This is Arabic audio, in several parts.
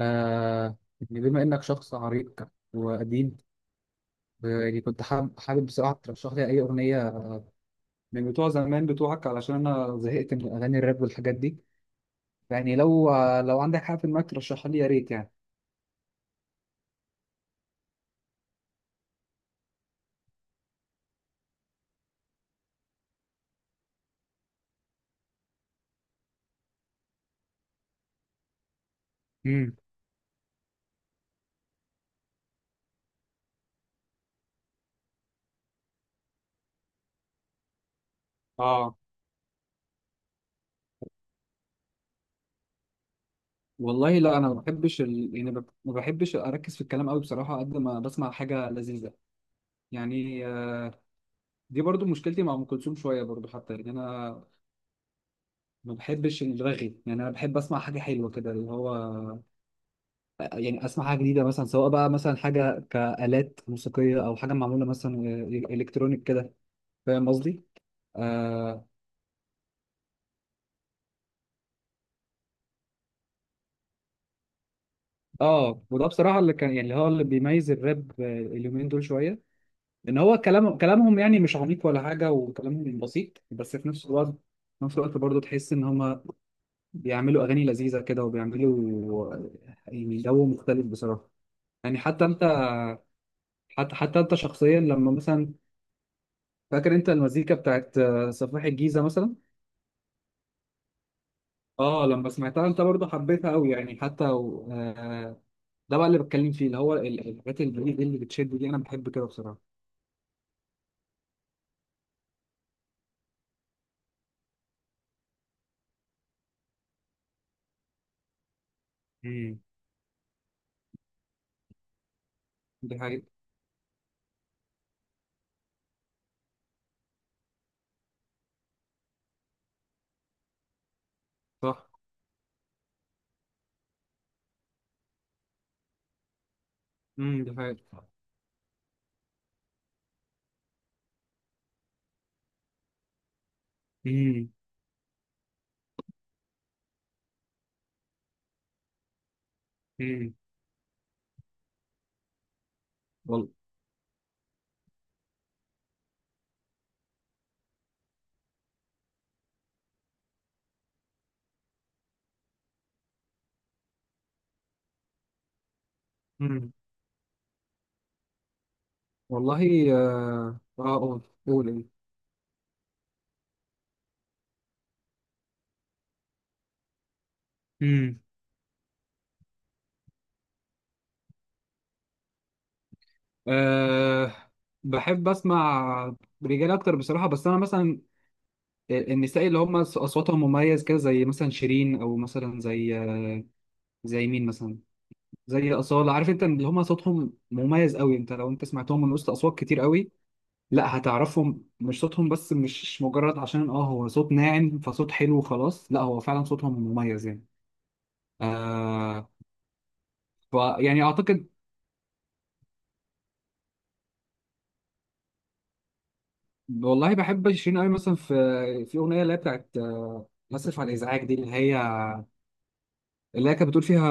يعني بما إنك شخص عريق وقديم. يعني كنت حابب بصراحة ترشح لي أي أغنية من بتوع زمان بتوعك، علشان أنا زهقت من أغاني الراب والحاجات دي. يعني لو لو عندك حاجة في دماغك ترشحها لي يا ريت يعني. امم. اه. والله لا، انا ما بحبش يعني ما بحبش اركز في الكلام قوي بصراحه قد ما بسمع حاجه لذيذه. يعني دي برضو مشكلتي مع ام كلثوم شويه برضو، حتى يعني انا ما بحبش الرغي. يعني انا بحب اسمع حاجه حلوه كده، اللي هو يعني اسمع حاجه جديده مثلا، سواء بقى مثلا حاجه كآلات موسيقيه او حاجه معموله مثلا إيه، إيه، الكترونيك كده. فاهم قصدي؟ اه. اه. وده بصراحه اللي كان يعني اللي هو اللي بيميز الراب اليومين دول شويه، ان هو كلامهم يعني مش عميق ولا حاجه، وكلامهم بسيط، بس في نفس الوقت، في نفس الوقت برضه تحس ان هم بيعملوا اغاني لذيذه كده، وبيعملوا يعني جو مختلف بصراحه. يعني حتى انت، حتى انت شخصيا لما مثلا، فاكر انت المزيكا بتاعت سفاح الجيزه مثلا؟ اه. لما سمعتها انت برضه حبيتها قوي يعني، حتى و... آه ده بقى اللي بتكلم فيه، اللي هو الحاجات الجديدة اللي بتشد دي، انا بحب كده بصراحة. امم. دي حقيقة. صح. امم. دي حقيقة. امم. امم. وال... امم. والله. اه. قول. قول إيه. امم. أه. بحب اسمع رجال اكتر بصراحه، بس انا مثلا النساء اللي هم اصواتهم مميز كده، زي مثلا شيرين، او مثلا زي زي مين مثلا، زي اصاله. عارف انت اللي هم صوتهم مميز قوي، انت لو سمعتهم من وسط اصوات كتير قوي لا هتعرفهم. مش صوتهم بس، مش مجرد عشان اه هو صوت ناعم فصوت حلو وخلاص، لا هو فعلا صوتهم مميز يعني. آه. ف يعني اعتقد، والله بحب شيرين قوي مثلا في اغنيه اللي هي بتاعت اسف على الازعاج دي، اللي هي كانت بتقول فيها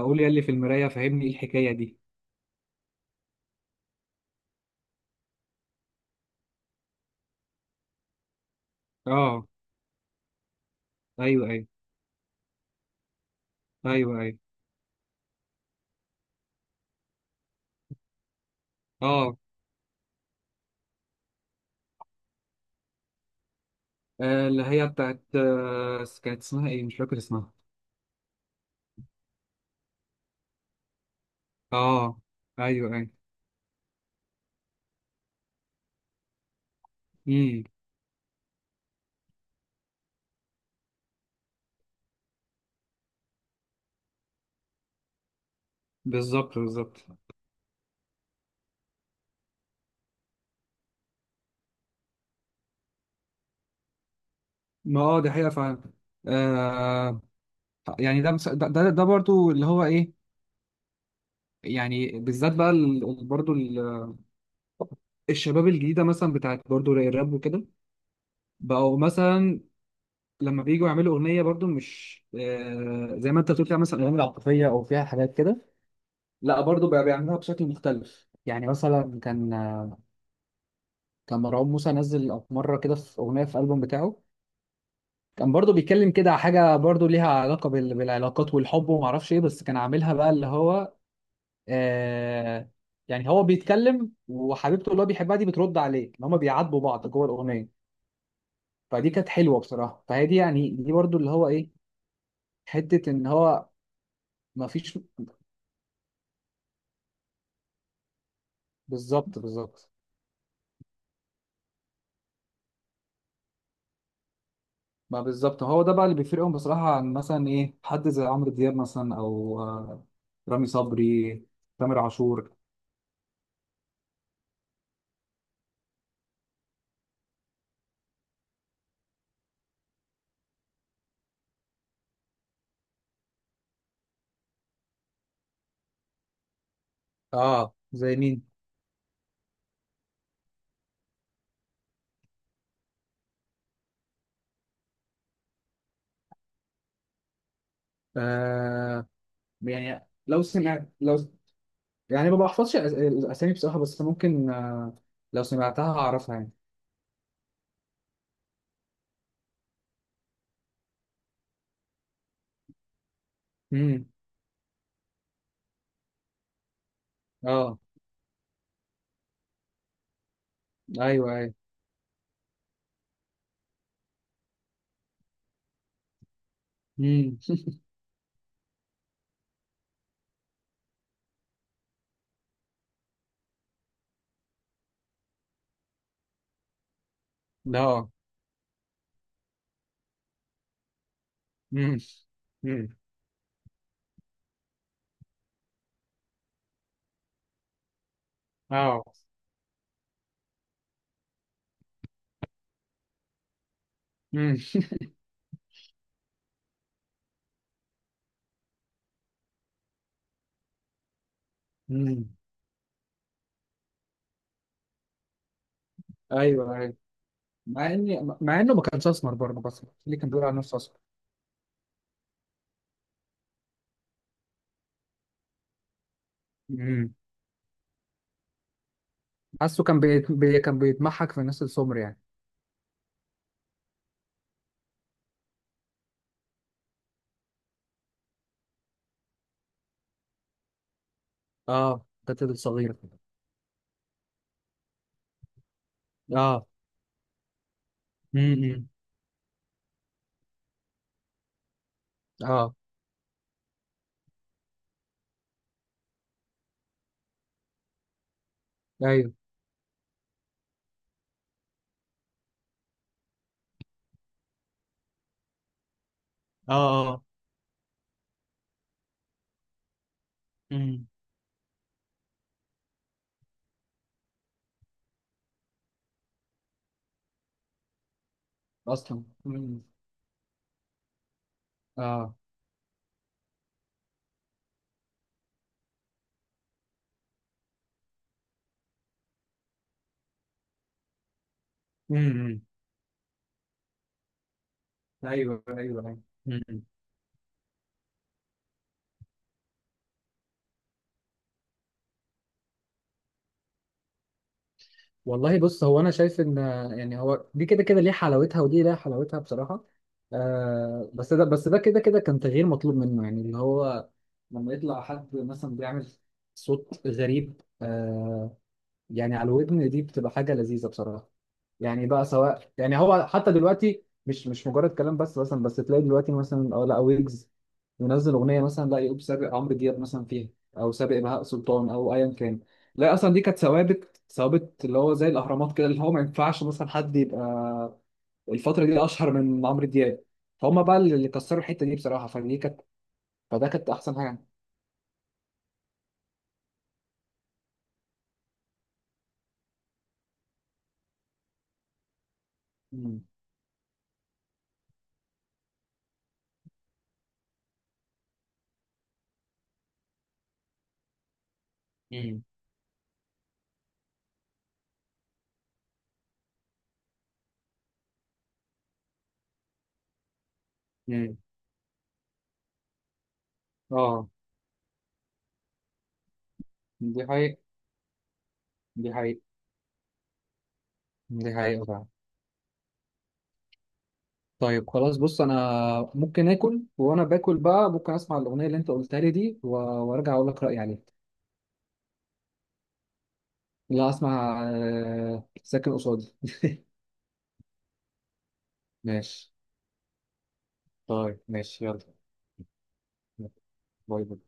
قول يا اللي في المرايه فهمني ايه الحكايه دي. اه. ايوه، ايوه، ايوه، ايوه. اه. اللي هي بتاعت كانت اسمها ايه، مش فاكر اسمها. اه. ايوه، ايوه. امم. بالظبط، بالظبط. ما اه، دي حقيقة فعلا. آه. يعني ده مس- ده ده ده برضو اللي هو ايه، يعني بالذات بقى برضو الشباب الجديدة مثلا بتاعت برضو الراب وكده، بقوا مثلا لما بييجوا يعملوا أغنية برضو مش آه زي ما انت بتقول، فيها مثلا أغاني عاطفية أو فيها حاجات كده. لا برضو بقى بيعملوها بشكل مختلف. يعني مثلا كان، مروان موسى نزل مرة كده في أغنية في ألبوم بتاعه، كان برضو بيتكلم كده على حاجة برضو ليها علاقة بالعلاقات والحب وما اعرفش ايه، بس كان عاملها بقى اللي هو آه، يعني هو بيتكلم، وحبيبته اللي هو بيحبها دي بترد عليه، ان هما بيعاتبوا بعض جوه الأغنية. فدي كانت حلوة بصراحة. فهي دي يعني دي برضو اللي هو ايه، حتة ان هو ما فيش. بالظبط، بالظبط. ما بالظبط، هو ده بقى اللي بيفرقهم بصراحة عن مثلا ايه، حد زي عمرو دياب مثلا او رامي صبري، تامر عاشور. اه. زي مين؟ يعني لو سمعت لو يعني ما بحفظش الاسامي بصراحه، بس ممكن لو سمعتها هعرفها يعني. امم. اه. ايوه، ايوه. امم. لا. امم. امم. اه. امم. امم. ايوه، ايوه. مع اني، مع انه ما كانش اسمر برضه، بس اللي كان بيقول على نفسه اسمر. امم. حاسه كان كان بيتمحك في الناس السمر يعني. اه كانت الصغيره. اه. امم. اه. ايوه. اه. اه. امم. اصلا. امم. اه. امم. ايوه، ايوه، ايوه. مم. والله بص، هو انا شايف ان يعني هو دي كده كده ليه حلاوتها، ودي ليها حلاوتها بصراحه. آه. بس ده، كده كده كان تغيير مطلوب منه، يعني اللي هو لما يطلع حد مثلا بيعمل صوت غريب آه، يعني على الودن دي بتبقى حاجة لذيذة بصراحة. يعني بقى سواء يعني، هو حتى دلوقتي مش، مجرد كلام بس، مثلا بس تلاقي دلوقتي مثلا اه لا، ويجز ينزل أغنية مثلا لا يقوم سابق عمرو دياب مثلا فيها، أو سابق بهاء سلطان أو أيا كان. لا أصلا دي كانت ثوابت، ثوابت اللي هو زي الأهرامات كده، اللي هو ما ينفعش مثلا حد يبقى الفترة دي أشهر من عمرو دياب. فهم بقى اللي كسروا الحتة دي بصراحة. فدي كانت، فده كانت أحسن حاجة. مم. امم. امم. اه دي حقيقة، دي حقيقة، دي حقيقة. طيب خلاص، بص انا ممكن اكل، وانا باكل بقى ممكن اسمع الاغنيه اللي انت قلتها لي دي، وارجع اقول لك رايي عليها. لا اسمع ساكن قصادي. ماشي. طيب، ماشي، يلا. باي باي.